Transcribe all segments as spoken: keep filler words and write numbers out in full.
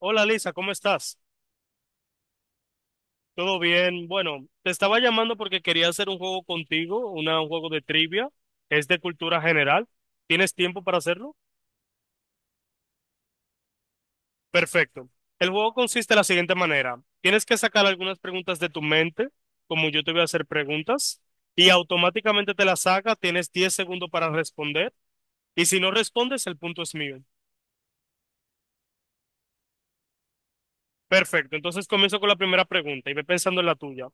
Hola Lisa, ¿cómo estás? ¿Todo bien? Bueno, te estaba llamando porque quería hacer un juego contigo, una- un juego de trivia. Es de cultura general. ¿Tienes tiempo para hacerlo? Perfecto. El juego consiste de la siguiente manera. Tienes que sacar algunas preguntas de tu mente, como yo te voy a hacer preguntas, y automáticamente te las saca. Tienes diez segundos para responder. Y si no respondes, el punto es mío. Perfecto. Entonces comienzo con la primera pregunta y ve pensando en la tuya.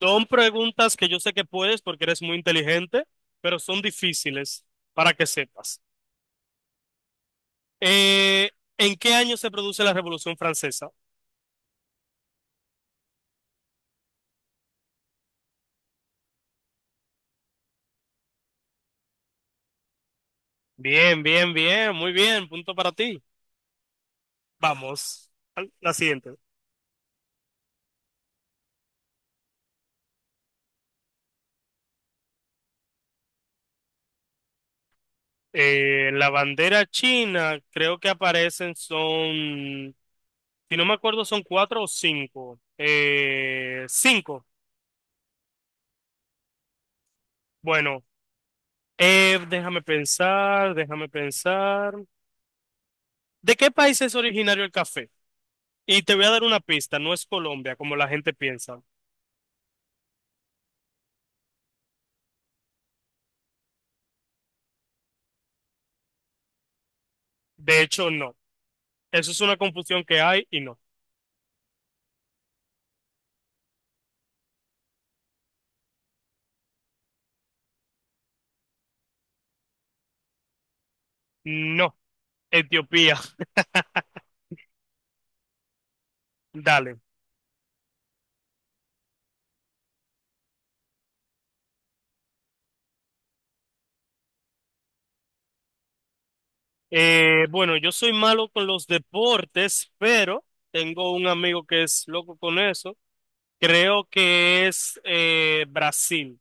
Son preguntas que yo sé que puedes porque eres muy inteligente, pero son difíciles para que sepas. Eh, ¿En qué año se produce la Revolución Francesa? Bien, bien, bien, muy bien, punto para ti. Vamos a la siguiente. Eh, la bandera china, creo que aparecen son, si no me acuerdo, son cuatro o cinco. Eh, cinco. Bueno, eh, déjame pensar, déjame pensar. ¿De qué país es originario el café? Y te voy a dar una pista, no es Colombia como la gente piensa. De hecho, no. Eso es una confusión que hay y no. No, Etiopía, dale. Eh, bueno, yo soy malo con los deportes, pero tengo un amigo que es loco con eso. Creo que es eh, Brasil.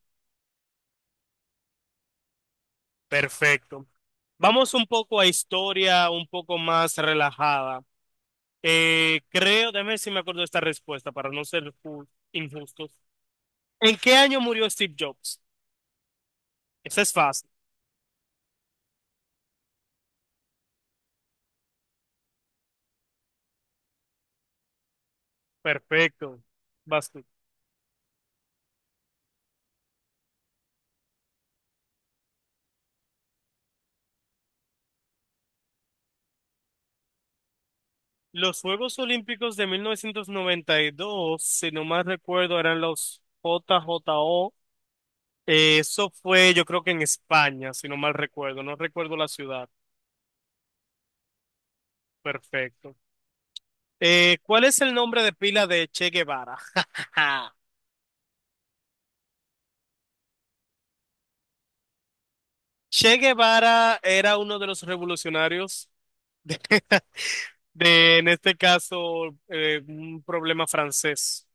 Perfecto. Vamos un poco a historia, un poco más relajada. Eh, creo, déjame ver si me acuerdo de esta respuesta para no ser ju- injustos. ¿En qué año murió Steve Jobs? Esa es fácil. Perfecto. Vas tú. Los Juegos Olímpicos de mil novecientos noventa y dos, si no mal recuerdo, eran los J JJO. Eh, Eso fue, yo creo que en España, si no mal recuerdo. No recuerdo la ciudad. Perfecto. Eh, ¿cuál es el nombre de pila de Che Guevara? Che Guevara era uno de los revolucionarios de, de, en este caso, eh, un problema francés.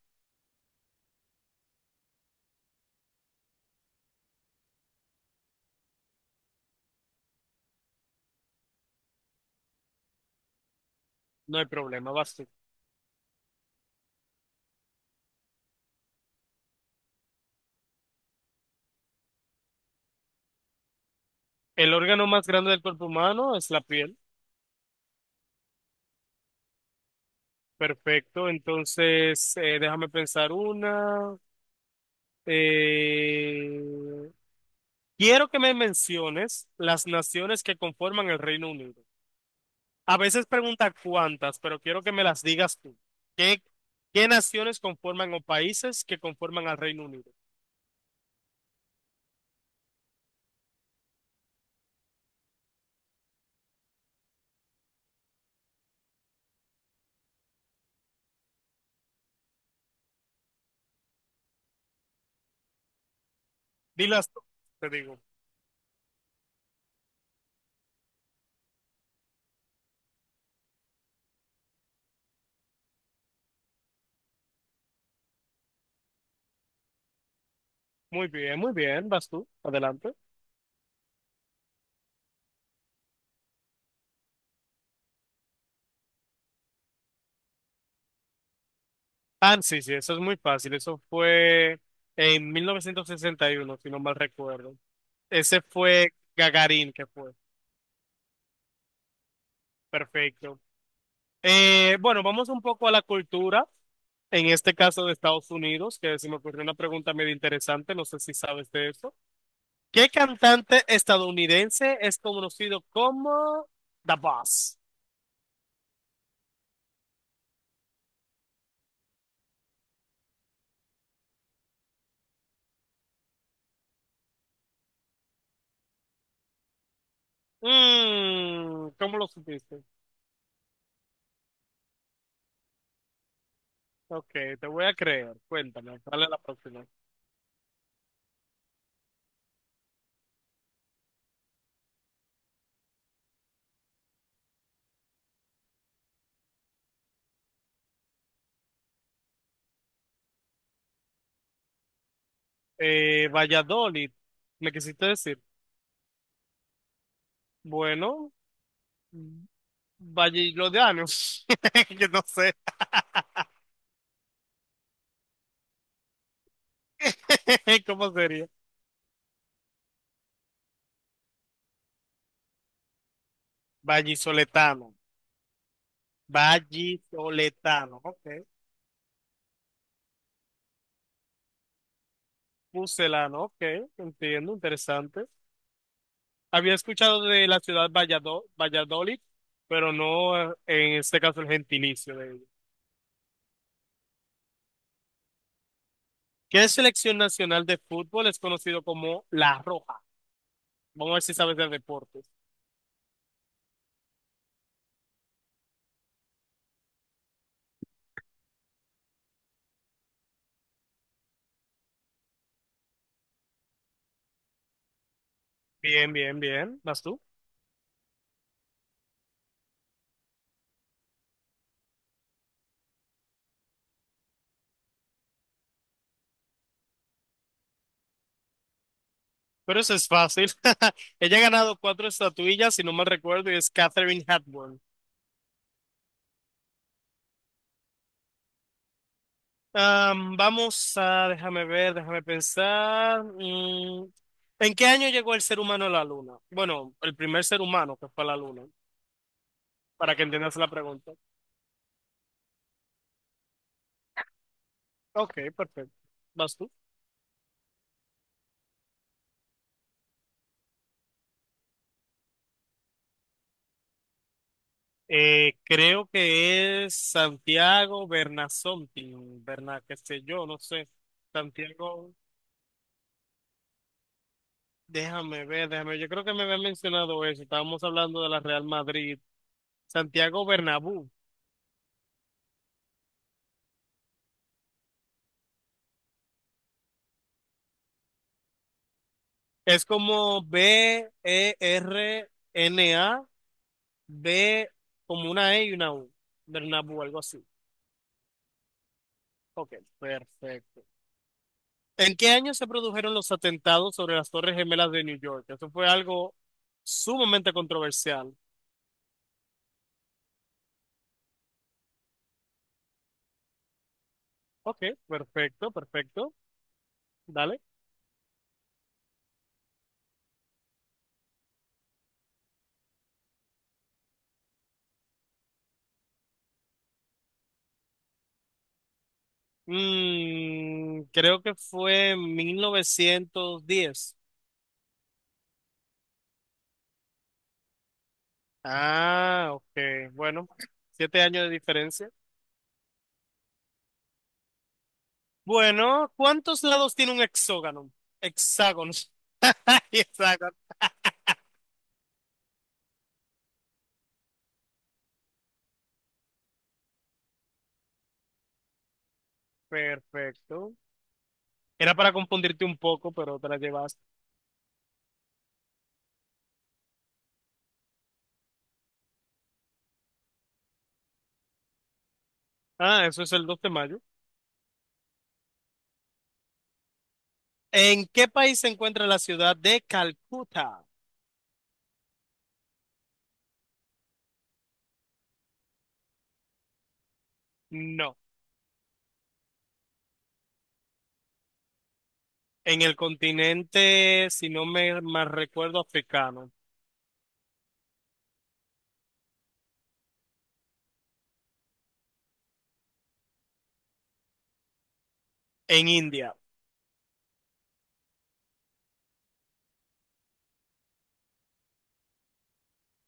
No hay problema, vas tú. El órgano más grande del cuerpo humano es la piel. Perfecto. Entonces, eh, déjame pensar una. Eh, Quiero que me menciones las naciones que conforman el Reino Unido. A veces pregunta cuántas, pero quiero que me las digas tú. ¿Qué, qué naciones conforman o países que conforman al Reino Unido? Dilas tú, te digo. Muy bien, muy bien. Vas tú. Adelante. Ah, sí, sí, eso es muy fácil. Eso fue en mil novecientos sesenta y uno, si no mal recuerdo. Ese fue Gagarín que fue. Perfecto. Eh, bueno, vamos un poco a la cultura, en este caso de Estados Unidos, que se me ocurrió una pregunta medio interesante, no sé si sabes de eso. ¿Qué cantante estadounidense es conocido como The Boss? Mm, ¿cómo lo supiste? Ok, te voy a creer. Cuéntame, dale a la próxima. Eh, Valladolid, ¿me quisiste decir? Bueno, Valladolidianos, que no sé. ¿Cómo sería? Vallisoletano. Vallisoletano, ok. Pucelano, ok. Entiendo, interesante. Había escuchado de la ciudad Vallado- Valladolid, pero no eh, en este caso el gentilicio de ella. ¿Qué selección nacional de fútbol es conocido como La Roja? Vamos a ver si sabes de deportes. Bien, bien, bien. ¿Vas tú? Pero eso es fácil. Ella ha ganado cuatro estatuillas, si no mal recuerdo, y es Catherine Hepburn. Am, vamos a, déjame ver, déjame pensar. Mm, ¿en qué año llegó el ser humano a la luna? Bueno, el primer ser humano que fue a la luna, para que entiendas la pregunta. Ok, perfecto. ¿Vas tú? Eh, creo que es Santiago Bernasonti, Berna, qué sé yo, no sé. Santiago, déjame ver, déjame ver. Yo creo que me habían mencionado eso. Estábamos hablando de la Real Madrid. Santiago Bernabéu. Es como B-E-R-N-A. B como una E y una U. Bernabu, algo así. Ok, perfecto. ¿En qué año se produjeron los atentados sobre las Torres Gemelas de New York? Eso fue algo sumamente controversial. Ok, perfecto, perfecto. Dale. Mm, creo que fue en mil novecientos diez. Ah, ok. Bueno, siete años de diferencia. Bueno, ¿cuántos lados tiene un hexágono? Hexágono. Hexágono. Perfecto. Era para confundirte un poco, pero te la llevaste. Ah, eso es el dos de mayo. ¿En qué país se encuentra la ciudad de Calcuta? No. En el continente, si no me mal recuerdo, africano. En India.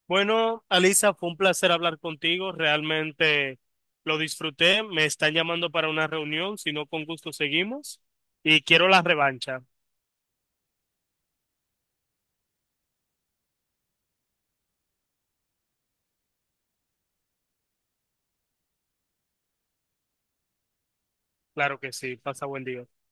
Bueno, Alisa, fue un placer hablar contigo. Realmente lo disfruté. Me están llamando para una reunión. Si no, con gusto seguimos. Y quiero la revancha. Claro que sí. Pasa buen día.